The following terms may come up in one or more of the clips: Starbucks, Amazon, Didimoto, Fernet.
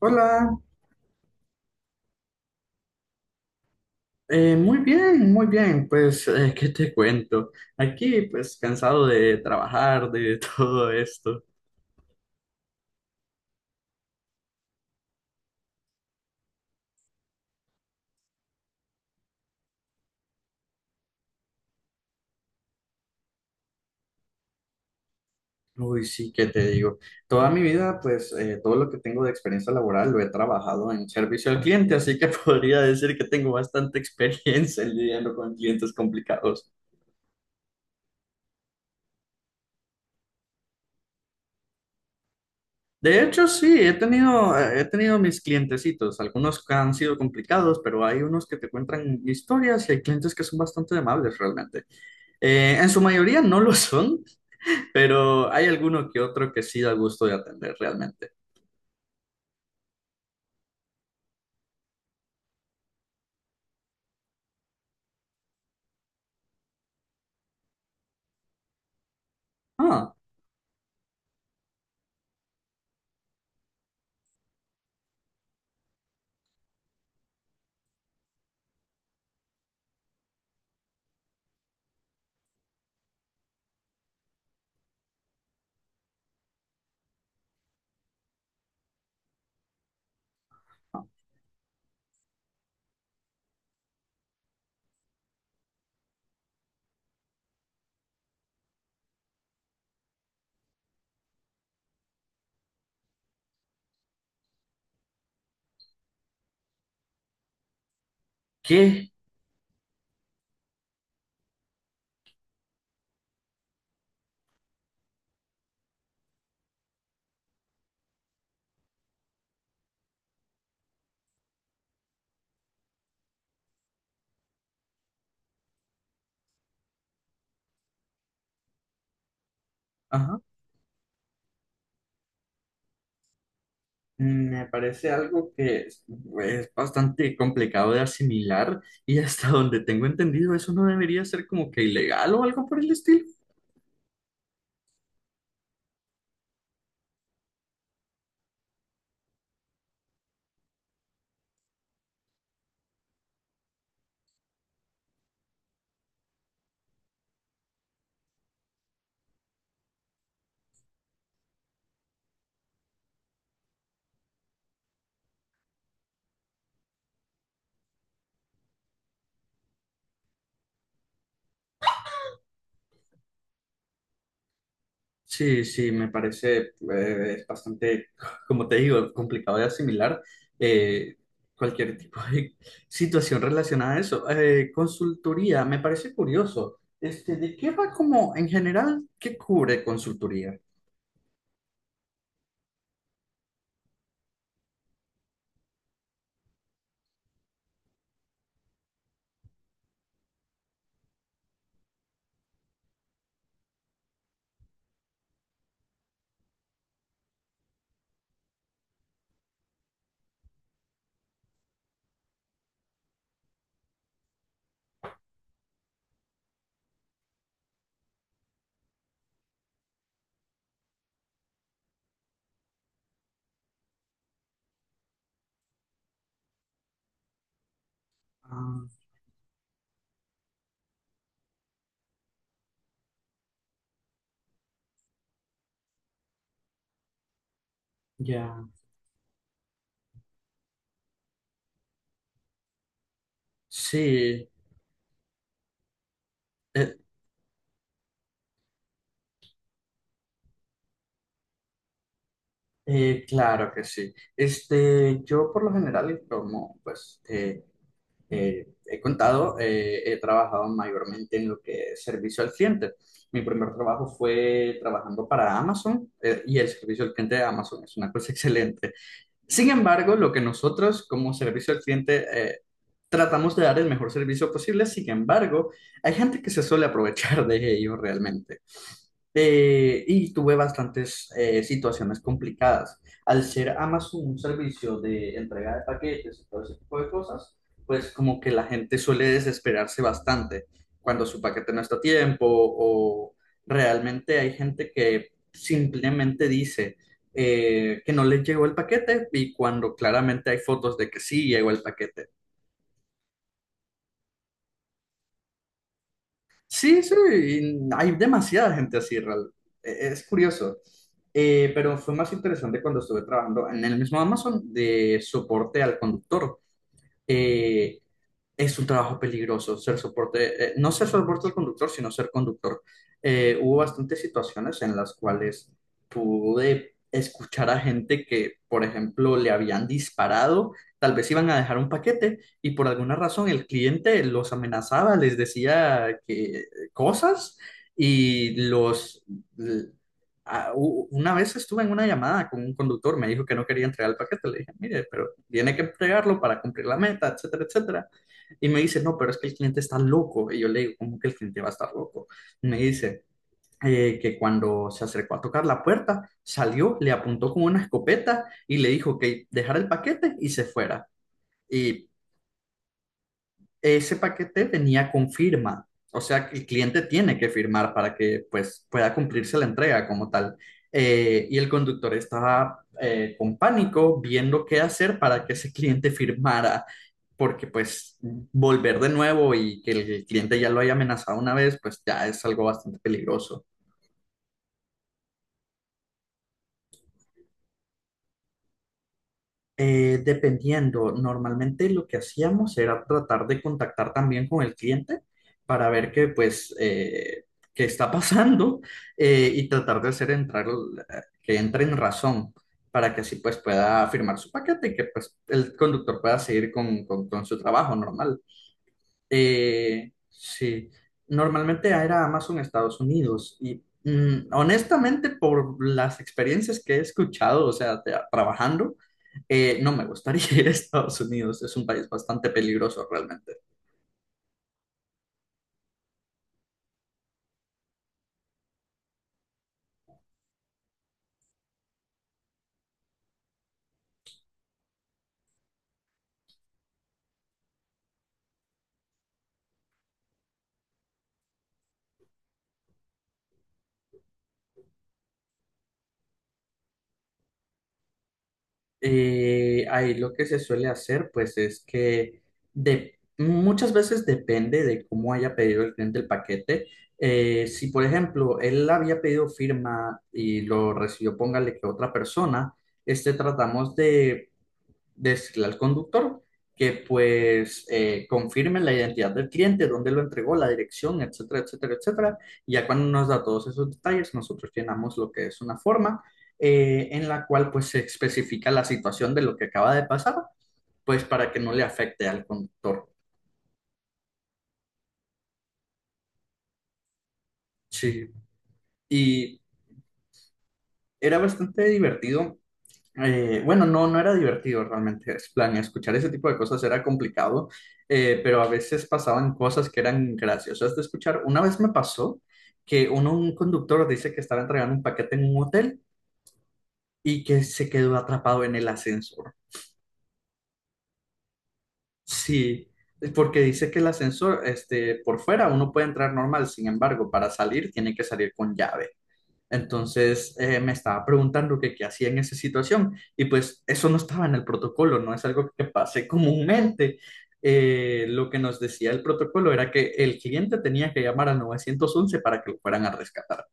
Hola, muy bien, muy bien. Pues, ¿qué te cuento? Aquí, pues, cansado de trabajar, de todo esto. Uy, sí, ¿qué te digo? Toda mi vida, pues, todo lo que tengo de experiencia laboral lo he trabajado en servicio al cliente, así que podría decir que tengo bastante experiencia lidiando con clientes complicados. De hecho, sí, he tenido mis clientecitos, algunos que han sido complicados, pero hay unos que te cuentan historias y hay clientes que son bastante amables realmente. En su mayoría no lo son, pero hay alguno que otro que sí da gusto de atender realmente. Ah, ¿qué? Ajá. Me parece algo que es bastante complicado de asimilar y hasta donde tengo entendido eso no debería ser como que ilegal o algo por el estilo. Sí, sí, me parece, es bastante, como te digo, complicado de asimilar, eh, cualquier tipo de situación relacionada a eso. Consultoría, me parece curioso. Este, ¿de qué va como en general? ¿Qué cubre consultoría? Ah, ya. Sí, eh, claro que sí. Este, yo por lo general, como pues, he contado, he trabajado mayormente en lo que es servicio al cliente. Mi primer trabajo fue trabajando para Amazon, y el servicio al cliente de Amazon es una cosa excelente. Sin embargo, lo que nosotros como servicio al cliente, tratamos de dar el mejor servicio posible. Sin embargo, hay gente que se suele aprovechar de ello realmente. Y tuve bastantes, situaciones complicadas. Al ser Amazon un servicio de entrega de paquetes y todo ese tipo de cosas, pues como que la gente suele desesperarse bastante cuando su paquete no está a tiempo, o realmente hay gente que simplemente dice, que no les llegó el paquete, y cuando claramente hay fotos de que sí llegó el paquete. Sí, sí, hay demasiada gente así, es curioso. Pero fue más interesante cuando estuve trabajando en el mismo Amazon de soporte al conductor. Eh, es un trabajo peligroso ser soporte. No ser soporte al conductor, sino ser conductor. Hubo bastantes situaciones en las cuales pude escuchar a gente que, por ejemplo, le habían disparado, tal vez iban a dejar un paquete y por alguna razón el cliente los amenazaba, les decía que cosas y los... l- a- u- una vez estuve en una llamada con un conductor, me dijo que no quería entregar el paquete. Le dije, mire, pero tiene que entregarlo para cumplir la meta, etcétera, etcétera. Y me dice, no, pero es que el cliente está loco. Y yo le digo, ¿cómo que el cliente va a estar loco? Me dice, que cuando se acercó a tocar la puerta, salió, le apuntó con una escopeta y le dijo que dejara el paquete y se fuera. Y ese paquete venía con firma. O sea, el cliente tiene que firmar para que pues, pueda cumplirse la entrega como tal. Y el conductor estaba, con pánico viendo qué hacer para que ese cliente firmara, porque pues volver de nuevo y que el cliente ya lo haya amenazado una vez, pues ya es algo bastante peligroso. Dependiendo, normalmente lo que hacíamos era tratar de contactar también con el cliente para ver qué, pues, qué está pasando, y tratar de hacer entrar, que entre en razón para que así pues pueda firmar su paquete y que pues el conductor pueda seguir con, con su trabajo normal. Sí, normalmente era Amazon Estados Unidos y, honestamente por las experiencias que he escuchado, o sea, trabajando, no me gustaría ir a Estados Unidos. Es un país bastante peligroso realmente. Ahí lo que se suele hacer, pues, es que, muchas veces depende de cómo haya pedido el cliente el paquete. Si, por ejemplo, él había pedido firma y lo recibió, póngale que otra persona, este, tratamos de decirle al conductor que pues, confirme la identidad del cliente, dónde lo entregó, la dirección, etcétera, etcétera, etcétera. Y ya cuando nos da todos esos detalles, nosotros llenamos lo que es una forma, en la cual pues se especifica la situación de lo que acaba de pasar, pues para que no le afecte al conductor. Sí. Y era bastante divertido. Bueno, no, no era divertido realmente. Es plan, escuchar ese tipo de cosas era complicado, pero a veces pasaban cosas que eran graciosas de escuchar. Una vez me pasó que un conductor dice que estaba entregando un paquete en un hotel y que se quedó atrapado en el ascensor. Sí, porque dice que el ascensor, este, por fuera uno puede entrar normal, sin embargo, para salir tiene que salir con llave. Entonces, me estaba preguntando que qué hacía en esa situación, y pues eso no estaba en el protocolo, no es algo que pase comúnmente. Lo que nos decía el protocolo era que el cliente tenía que llamar al 911 para que lo fueran a rescatar.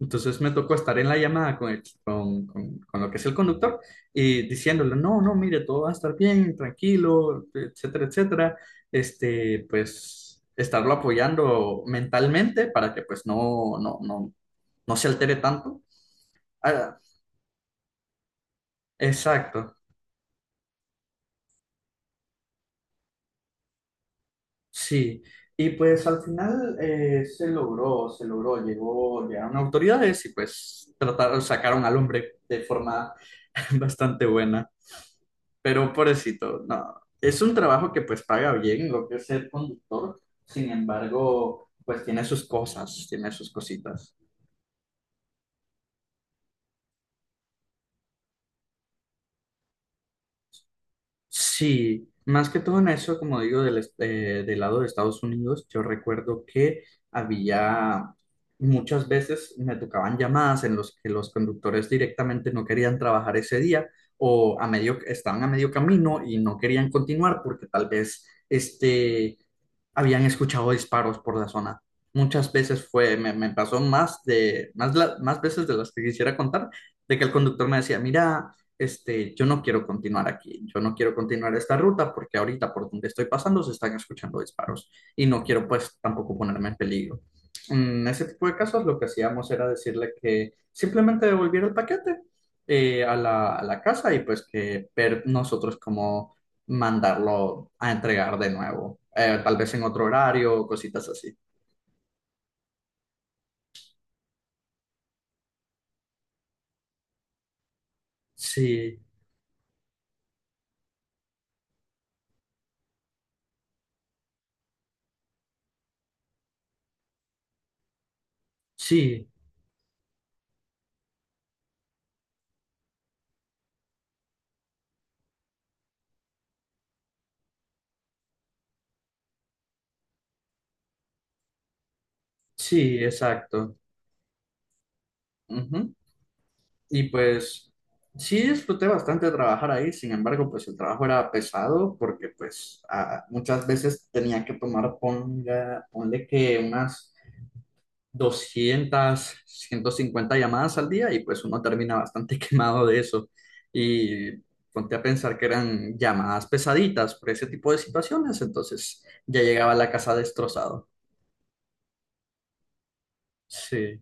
Entonces me tocó estar en la llamada con lo que es el conductor, y diciéndole, no, no, mire, todo va a estar bien, tranquilo, etcétera, etcétera. Este, pues, estarlo apoyando mentalmente para que pues no se altere tanto. Ah, exacto, sí. Y pues al final, se logró, llegaron autoridades y pues trataron, sacaron al hombre de forma bastante buena. Pero pobrecito, no. Es un trabajo que pues paga bien, lo que es ser conductor. Sin embargo, pues tiene sus cosas, tiene sus cositas. Sí, más que todo en eso, como digo, del lado de Estados Unidos, yo recuerdo que había muchas veces me tocaban llamadas en los que los conductores directamente no querían trabajar ese día, o a medio, estaban a medio camino y no querían continuar porque tal vez este, habían escuchado disparos por la zona. Muchas veces me pasó, más veces de las que quisiera contar, de que el conductor me decía, mira, este, yo no quiero continuar aquí, yo no quiero continuar esta ruta porque ahorita por donde estoy pasando se están escuchando disparos y no quiero pues tampoco ponerme en peligro. En ese tipo de casos lo que hacíamos era decirle que simplemente devolviera el paquete, a la casa, y pues que ver nosotros cómo mandarlo a entregar de nuevo, tal vez en otro horario, cositas así. Sí, sí, sí, exacto. Ujú. Y pues sí disfruté bastante trabajar ahí, sin embargo, pues el trabajo era pesado porque pues, muchas veces tenía que tomar, ponle que unas 200 150 llamadas al día, y pues uno termina bastante quemado de eso. Y ponte a pensar que eran llamadas pesaditas por ese tipo de situaciones, entonces ya llegaba a la casa destrozado. Sí.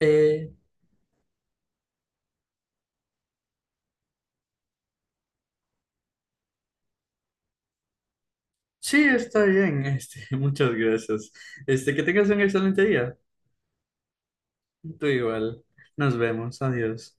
Eh, sí, está bien, este, muchas gracias. Este, que tengas un excelente día. Tú igual. Nos vemos. Adiós.